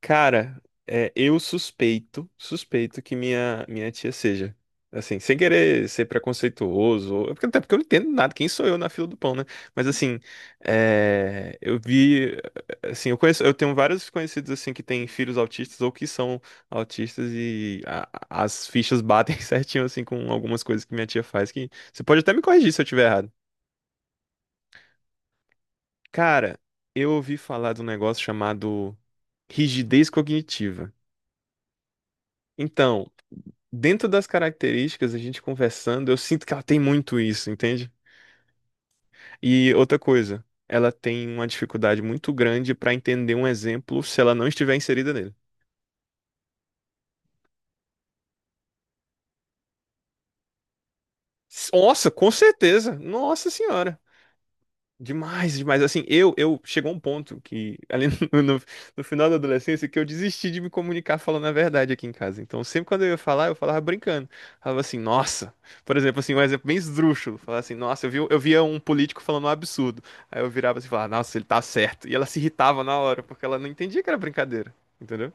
Cara, é, eu suspeito que minha tia seja. Assim, sem querer ser preconceituoso, até porque eu não entendo nada, quem sou eu na fila do pão, né? Mas assim, é, eu vi, assim, eu conheço, eu tenho vários conhecidos assim que têm filhos autistas ou que são autistas e as fichas batem certinho assim com algumas coisas que minha tia faz que você pode até me corrigir se eu estiver errado. Cara, eu ouvi falar de um negócio chamado rigidez cognitiva. Então, dentro das características, a gente conversando, eu sinto que ela tem muito isso, entende? E outra coisa, ela tem uma dificuldade muito grande para entender um exemplo se ela não estiver inserida nele. Nossa, com certeza. Nossa senhora. Demais, demais. Assim, eu chegou um ponto que, ali no, no, no final da adolescência, que eu desisti de me comunicar falando a verdade aqui em casa. Então, sempre quando eu ia falar, eu falava brincando. Falava assim, nossa. Por exemplo, assim, um exemplo bem esdrúxulo. Falava assim, nossa, eu via um político falando um absurdo. Aí eu virava assim e falava, nossa, ele tá certo. E ela se irritava na hora, porque ela não entendia que era brincadeira. Entendeu?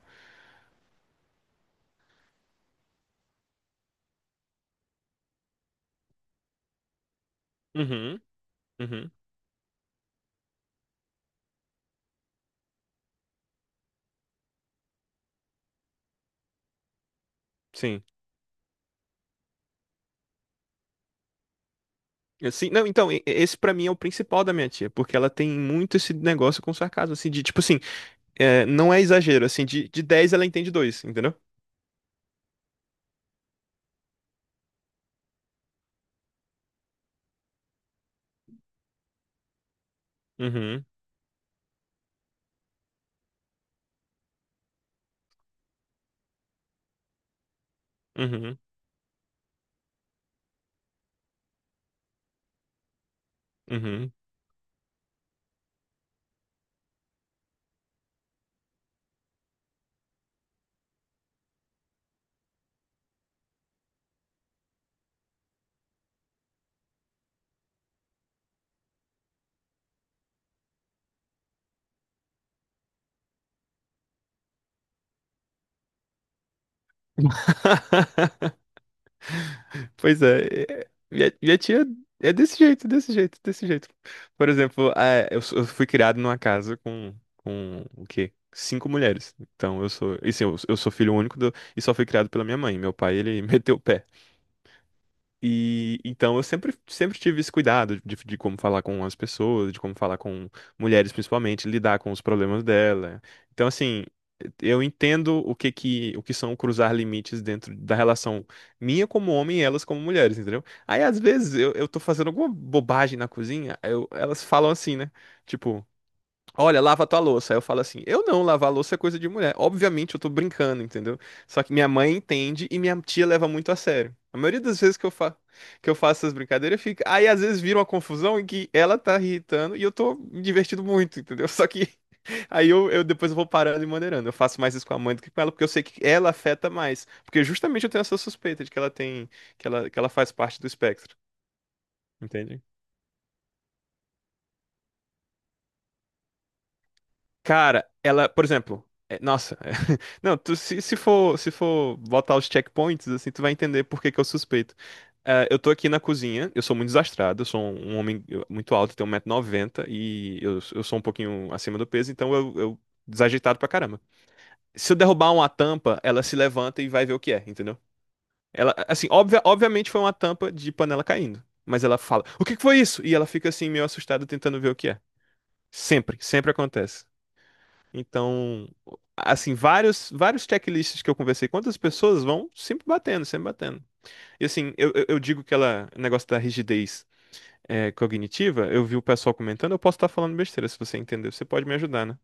Uhum, uhum, sim. Assim, não, então, esse pra mim é o principal da minha tia, porque ela tem muito esse negócio com sarcasmo, assim, de tipo assim. É, não é exagero, assim, de 10 ela entende dois, entendeu? Uhum, uhum, uhum. Pois é, minha tia é desse jeito, desse jeito, desse jeito. Por exemplo, é, eu fui criado numa casa com o quê? Cinco mulheres. Então eu sou, e sim, eu sou filho único e só fui criado pela minha mãe. Meu pai, ele meteu o pé. E então eu sempre, sempre tive esse cuidado de como falar com as pessoas, de como falar com mulheres principalmente, lidar com os problemas dela. Então, assim, eu entendo o que que, o que são cruzar limites dentro da relação minha como homem e elas como mulheres, entendeu? Aí, às vezes, eu tô fazendo alguma bobagem na cozinha, elas falam assim, né? Tipo. Olha, lava tua louça. Aí eu falo assim: eu não, lavar louça é coisa de mulher. Obviamente eu tô brincando, entendeu? Só que minha mãe entende e minha tia leva muito a sério. A maioria das vezes que eu, fa que eu faço essas brincadeiras fica. Aí às vezes vira uma confusão em que ela tá irritando e eu tô me divertindo muito, entendeu? Só que aí eu depois eu vou parando e maneirando. Eu faço mais isso com a mãe do que com ela, porque eu sei que ela afeta mais. Porque justamente eu tenho essa suspeita de que ela tem, que ela faz parte do espectro, entende? Cara, ela, por exemplo, nossa, não, tu, se for botar os checkpoints, assim, tu vai entender por que que eu suspeito. Eu tô aqui na cozinha, eu sou muito desastrado, eu sou um homem muito alto, eu tenho 190 noventa e eu sou um pouquinho acima do peso, então eu desajeitado pra caramba. Se eu derrubar uma tampa, ela se levanta e vai ver o que é, entendeu? Ela, assim, obviamente foi uma tampa de panela caindo, mas ela fala, o que que foi isso? E ela fica assim, meio assustada, tentando ver o que é. Sempre, sempre acontece. Então, assim, vários, vários checklists que eu conversei com outras pessoas vão sempre batendo, sempre batendo. E assim, eu digo que ela, o negócio da rigidez é, cognitiva, eu vi o pessoal comentando, eu posso estar falando besteira, se você entendeu, você pode me ajudar, né?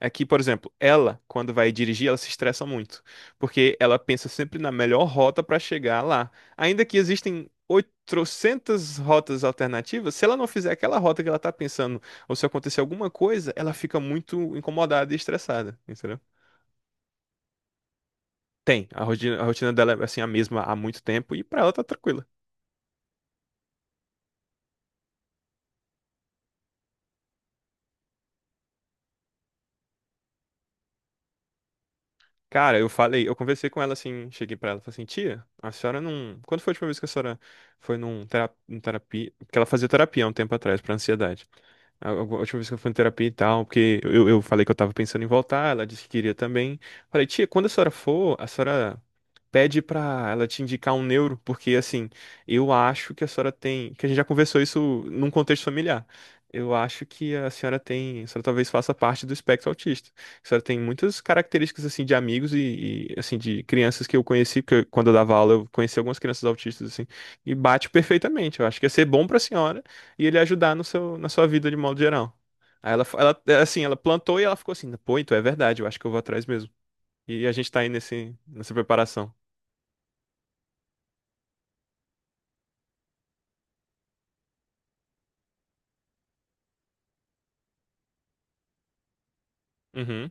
É que, por exemplo, ela, quando vai dirigir, ela se estressa muito, porque ela pensa sempre na melhor rota para chegar lá. Ainda que existem 800 rotas alternativas, se ela não fizer aquela rota que ela tá pensando, ou se acontecer alguma coisa, ela fica muito incomodada e estressada, entendeu? Tem, a rotina dela é assim a mesma há muito tempo e pra ela tá tranquila. Cara, eu falei, eu conversei com ela assim, cheguei pra ela, falei assim, tia, a senhora não, quando foi a última vez que a senhora foi num terapia, que ela fazia terapia há um tempo atrás pra ansiedade? A última vez que eu fui em terapia e tal, porque eu falei que eu tava pensando em voltar, ela disse que queria também. Falei, tia, quando a senhora for, a senhora pede pra ela te indicar um neuro, porque assim, eu acho que a senhora tem, que a gente já conversou isso num contexto familiar. Eu acho que a senhora tem, a senhora talvez faça parte do espectro autista. A senhora tem muitas características assim de amigos e, assim de crianças que eu conheci, porque quando eu dava aula eu conheci algumas crianças autistas assim, e bate perfeitamente. Eu acho que ia ser bom pra senhora e ele ajudar no seu, na sua vida de modo geral. Aí é assim, ela plantou e ela ficou assim, pô, então é verdade, eu acho que eu vou atrás mesmo. E a gente tá aí nessa preparação. Uhum.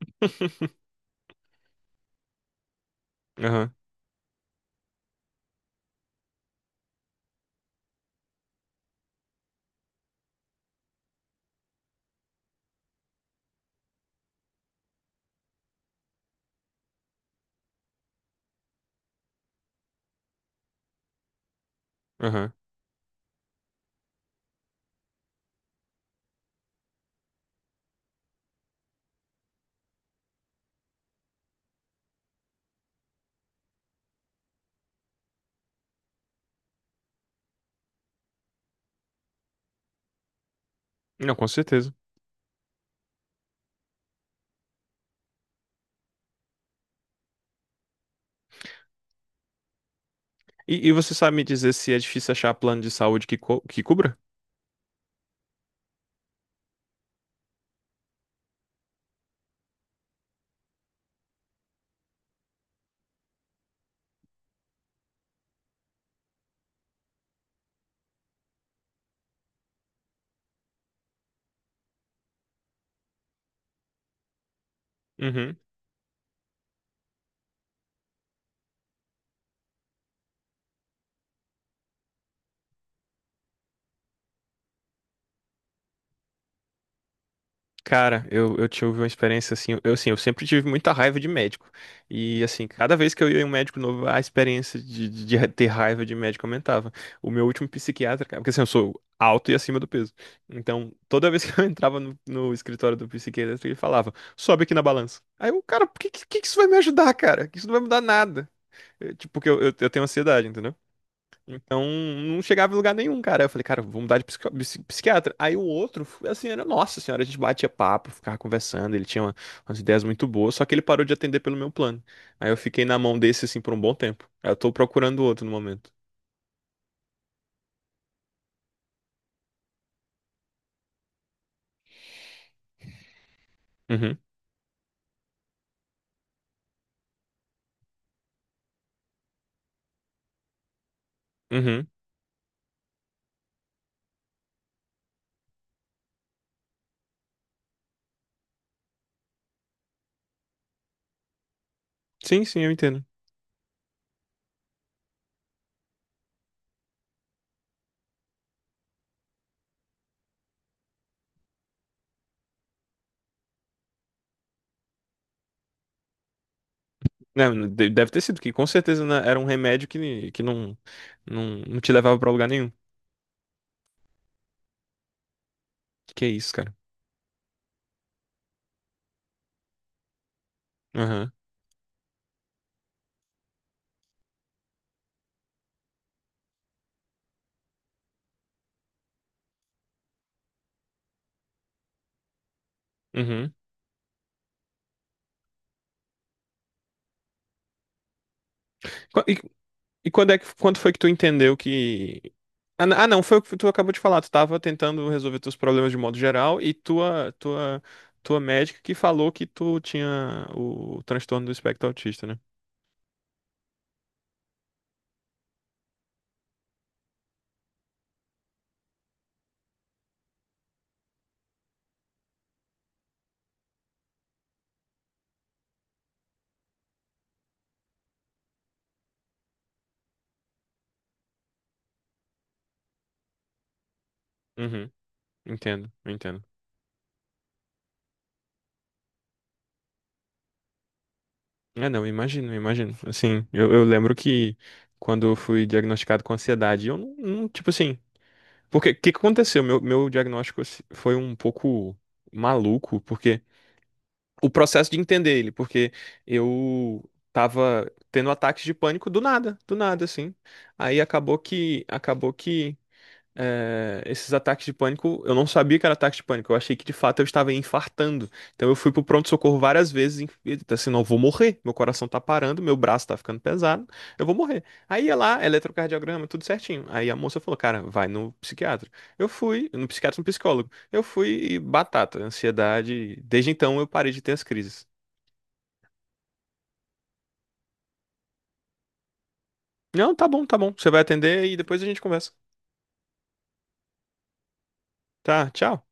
Aham, aham. Não, com certeza. E você sabe me dizer se é difícil achar plano de saúde que, que cubra? Uhum. Cara, eu tive uma experiência assim. Eu, assim, eu sempre tive muita raiva de médico. E, assim, cada vez que eu ia em um médico novo, a experiência de ter raiva de médico aumentava. O meu último psiquiatra, cara, porque assim, eu sou alto e acima do peso. Então, toda vez que eu entrava no escritório do psiquiatra, ele falava: sobe aqui na balança. Aí eu, cara, por que isso vai me ajudar, cara? Que isso não vai mudar nada. Eu, tipo, porque eu tenho ansiedade, entendeu? Então, não chegava em lugar nenhum, cara. Eu falei, cara, vou mudar de psiquiatra. Aí o outro, assim, era, nossa senhora, a gente batia papo, ficava conversando, ele tinha umas ideias muito boas, só que ele parou de atender pelo meu plano. Aí eu fiquei na mão desse, assim, por um bom tempo. Aí eu tô procurando outro no momento. Uhum, uhum. Sim, sim, eu entendo. Não, não, deve ter sido, porque com certeza né, era um remédio que não te levava pra lugar nenhum. Que é isso, cara? Aham, uhum. Qu- E, e quando é que, quando foi que tu entendeu que não, foi o que tu acabou de falar. Tu tava tentando resolver teus problemas de modo geral e tua, tua, tua médica que falou que tu tinha o transtorno do espectro autista, né? Uhum, entendo, entendo. É, não, imagino, imagino. Assim, eu lembro que quando eu fui diagnosticado com ansiedade, eu não, tipo assim, porque o que que aconteceu? Meu diagnóstico assim, foi um pouco maluco, porque o processo de entender ele, porque eu tava tendo ataques de pânico do nada, assim. Aí acabou que é, esses ataques de pânico, eu não sabia que era ataque de pânico, eu achei que de fato eu estava infartando. Então eu fui pro pronto-socorro várias vezes, e, tipo assim, não, eu vou morrer, meu coração tá parando, meu braço tá ficando pesado, eu vou morrer. Aí ia lá, eletrocardiograma, tudo certinho. Aí a moça falou, cara, vai no psiquiatra. Eu fui, no psiquiatra, no psicólogo. Eu fui e batata, ansiedade. Desde então eu parei de ter as crises. Não, tá bom, você vai atender e depois a gente conversa. Tá, tchau.